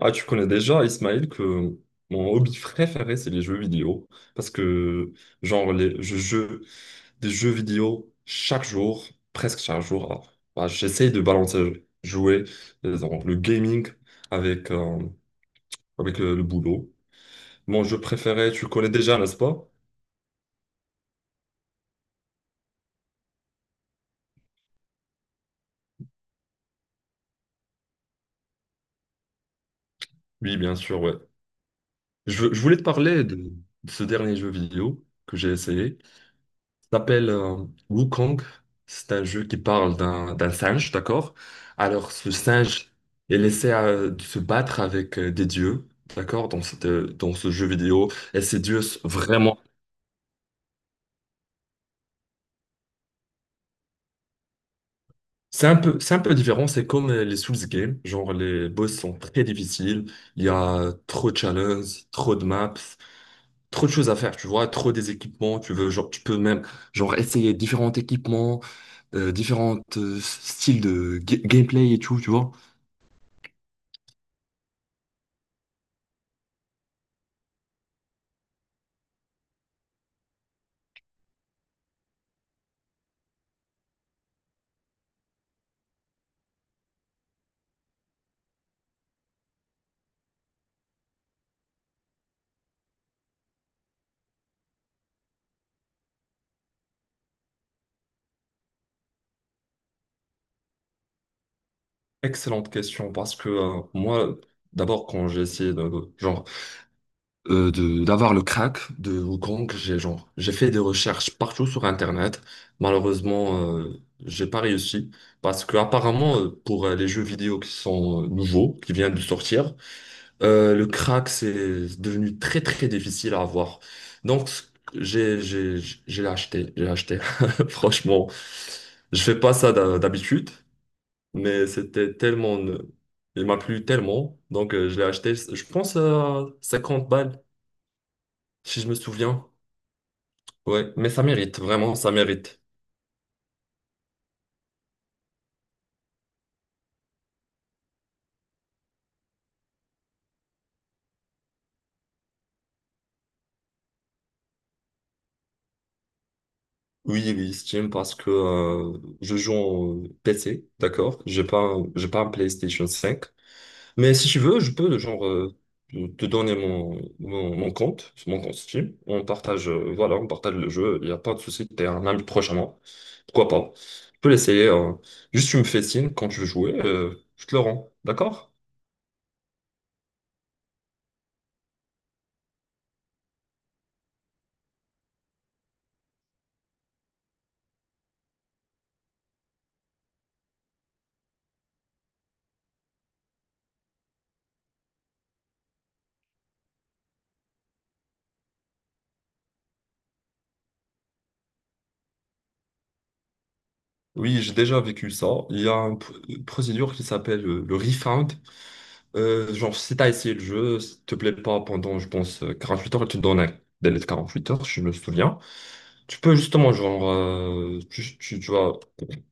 Ah, tu connais déjà, Ismaël, que mon hobby préféré, c'est les jeux vidéo. Parce que, genre, je joue des jeux vidéo chaque jour, presque chaque jour. Ah, bah, j'essaye de balancer, jouer, genre, le gaming avec, euh, avec le boulot. Mon jeu préféré, tu connais déjà, n'est-ce pas? Oui, bien sûr, ouais. Je voulais te parler de ce dernier jeu vidéo que j'ai essayé. Ça s'appelle Wukong. C'est un jeu qui parle d'un singe, d'accord? Alors, ce singe est laissé de se battre avec des dieux, d'accord? Dans ce jeu vidéo. Et ces dieux, vraiment. C'est un peu différent. C'est comme les Souls Games. Genre, les boss sont très difficiles. Il y a trop de challenges, trop de maps, trop de choses à faire, tu vois? Trop des équipements. Tu veux, genre, tu peux même, genre, essayer différents équipements, différents styles de gameplay et tout, tu vois? Excellente question parce que moi, d'abord, quand j'ai essayé de d'avoir le crack de Wukong, j'ai genre j'ai fait des recherches partout sur Internet. Malheureusement, j'ai pas réussi parce que apparemment, pour les jeux vidéo qui sont nouveaux, qui viennent de sortir, le crack c'est devenu très très difficile à avoir. Donc j'ai j'ai j'ai acheté. Franchement, je fais pas ça d'habitude mais c'était tellement. Il m'a plu tellement, donc je l'ai acheté, je pense à 50 balles, si je me souviens. Ouais, mais ça mérite, vraiment, ça mérite. Oui, oui, Steam, parce que je joue en PC, d'accord? J'ai pas un PlayStation 5. Mais si tu veux, je peux genre te donner mon compte, mon compte Steam. On partage, voilà, on partage le jeu. Il n'y a pas de souci. T'es un ami prochainement. Pourquoi pas? Je peux l'essayer, hein. Juste tu me fais signe quand tu veux jouer. Je te le rends. D'accord? Oui, j'ai déjà vécu ça. Il y a une procédure qui s'appelle le refund. Genre, si t'as essayé le jeu, s'il te plaît pas pendant, je pense, 8 heures, il te donne un délai de 8 heures, si je me souviens. Tu peux justement, genre, tu vas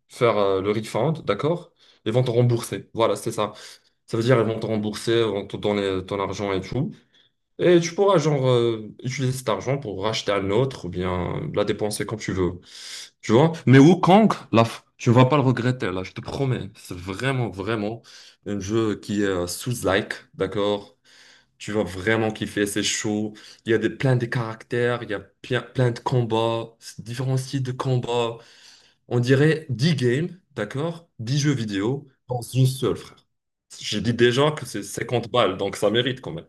faire le refund, d'accord? Ils vont te rembourser. Voilà, c'est ça. Ça veut dire ils vont te rembourser, ils vont te donner ton argent et tout. Et tu pourras genre utiliser cet argent pour racheter un autre ou bien la dépenser comme tu veux. Tu vois? Mais Wukong, là, tu ne vas pas le regretter, là, je te promets. C'est vraiment, vraiment un jeu qui est sous-like, d'accord? Tu vas vraiment kiffer, c'est chaud. Il y a plein de caractères, il y a plein, plein de combats, différents styles de combats. On dirait 10 games, d'accord? 10 jeux vidéo dans une seule, frère. J'ai dit déjà que c'est 50 balles, donc ça mérite quand même.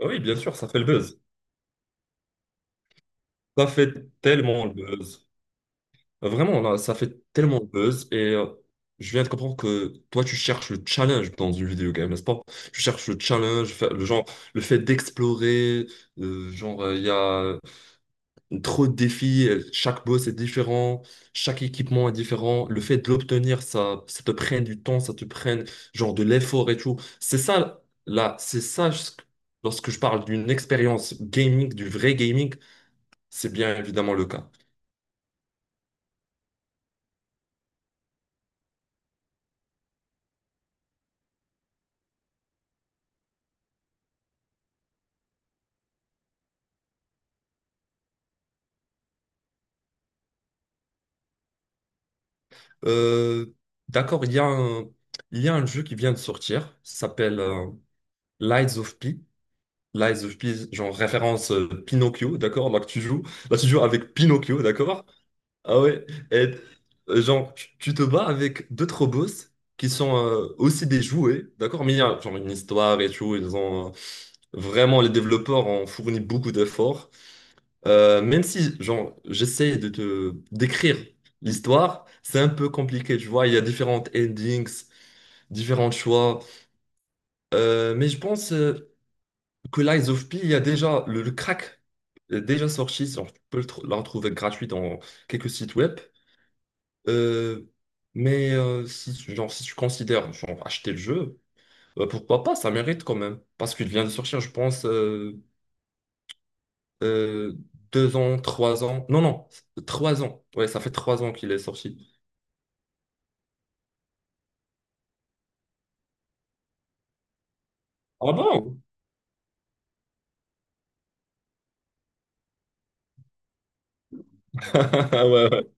Ah, oui, bien sûr, ça fait le buzz. Ça fait tellement le buzz. Vraiment, là, ça fait tellement le buzz. Et je viens de comprendre que toi, tu cherches le challenge dans une vidéo game, n'est-ce pas? Tu cherches le challenge, le genre, le fait d'explorer. Genre il y a trop de défis, chaque boss est différent, chaque équipement est différent. Le fait de l'obtenir, ça te prenne du temps, ça te prenne genre de l'effort et tout. C'est ça, là, c'est ça, lorsque je parle d'une expérience gaming, du vrai gaming, c'est bien évidemment le cas. Euh, d'accord, il y a un jeu qui vient de sortir, ça s'appelle Lies of P. Lies of P, genre référence Pinocchio, d'accord? Là, que tu joues, là, tu joues avec Pinocchio, d'accord? Ah ouais, et, genre, tu te bats avec d'autres boss qui sont aussi des jouets, d'accord? Mais il y a genre une histoire et tout, ils ont vraiment, les développeurs ont fourni beaucoup d'efforts. Même si, genre, j'essaie de te décrire l'histoire, c'est un peu compliqué, tu vois, il y a différentes endings, différents choix. Mais je pense que Lies of P, il y a déjà le crack est déjà sorti, genre, tu peux la retrouver gratuite dans quelques sites web. Euh, mais si, genre, si tu considères genre, acheter le jeu, pourquoi pas, ça mérite quand même. Parce qu'il vient de sortir, je pense, euh, 2 ans, 3 ans. Non, non, 3 ans. Ouais, ça fait 3 ans qu'il est sorti. Ah bon? Ah ouais, ouais.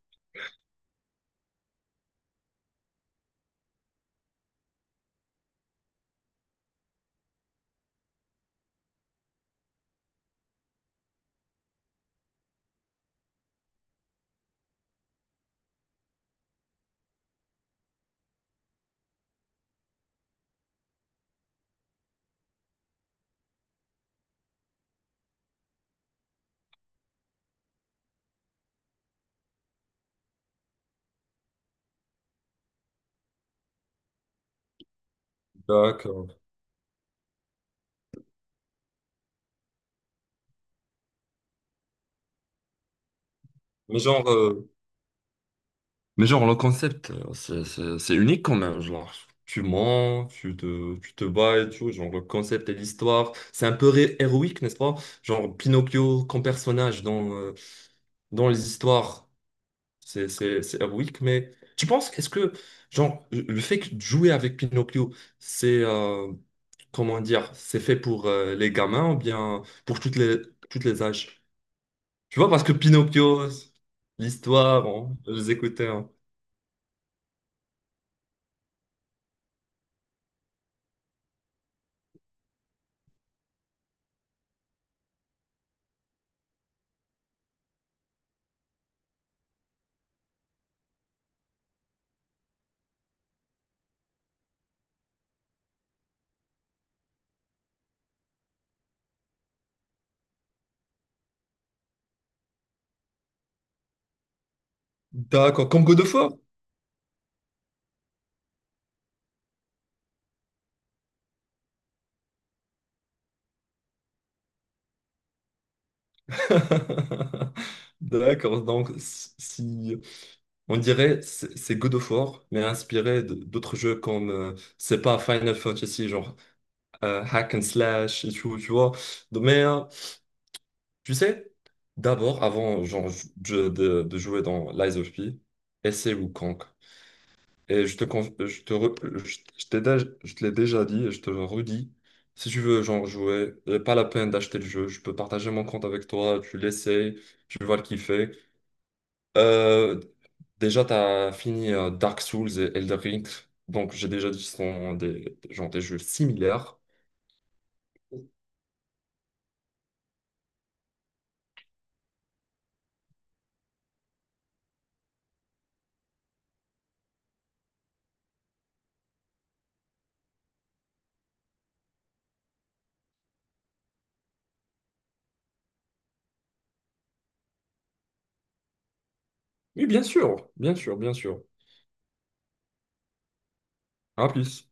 D'accord. Mais genre, euh, mais genre, le concept, c'est unique quand même. Genre, tu mens, tu te bats et tout. Genre, le concept et l'histoire, c'est un peu héroïque, n'est-ce pas? Genre, Pinocchio comme personnage dans les histoires. C'est héroïque, mais tu penses, est-ce que, genre, le fait que de jouer avec Pinocchio, c'est, comment dire, c'est fait pour les gamins ou bien pour toutes les âges? Tu vois, parce que Pinocchio, l'histoire, hein, je les écoutais, hein. D'accord, comme God of War. D'accord, donc on dirait c'est God of War, mais inspiré d'autres jeux comme c'est pas Final Fantasy, genre hack and slash et tout, tu vois. Tu sais, d'abord, avant genre, de jouer dans Lies of P, essaie Wukong. Et je te, con- je te, re- je te l'ai déjà dit et je te le redis. Si tu veux genre, jouer, y a pas la peine d'acheter le jeu. Je peux partager mon compte avec toi, tu l'essayes, tu vas le kiffer. Euh, déjà, tu as fini Dark Souls et Elden Ring. Donc, j'ai déjà dit que ce sont des jeux similaires. Oui, bien sûr, bien sûr, bien sûr. À plus.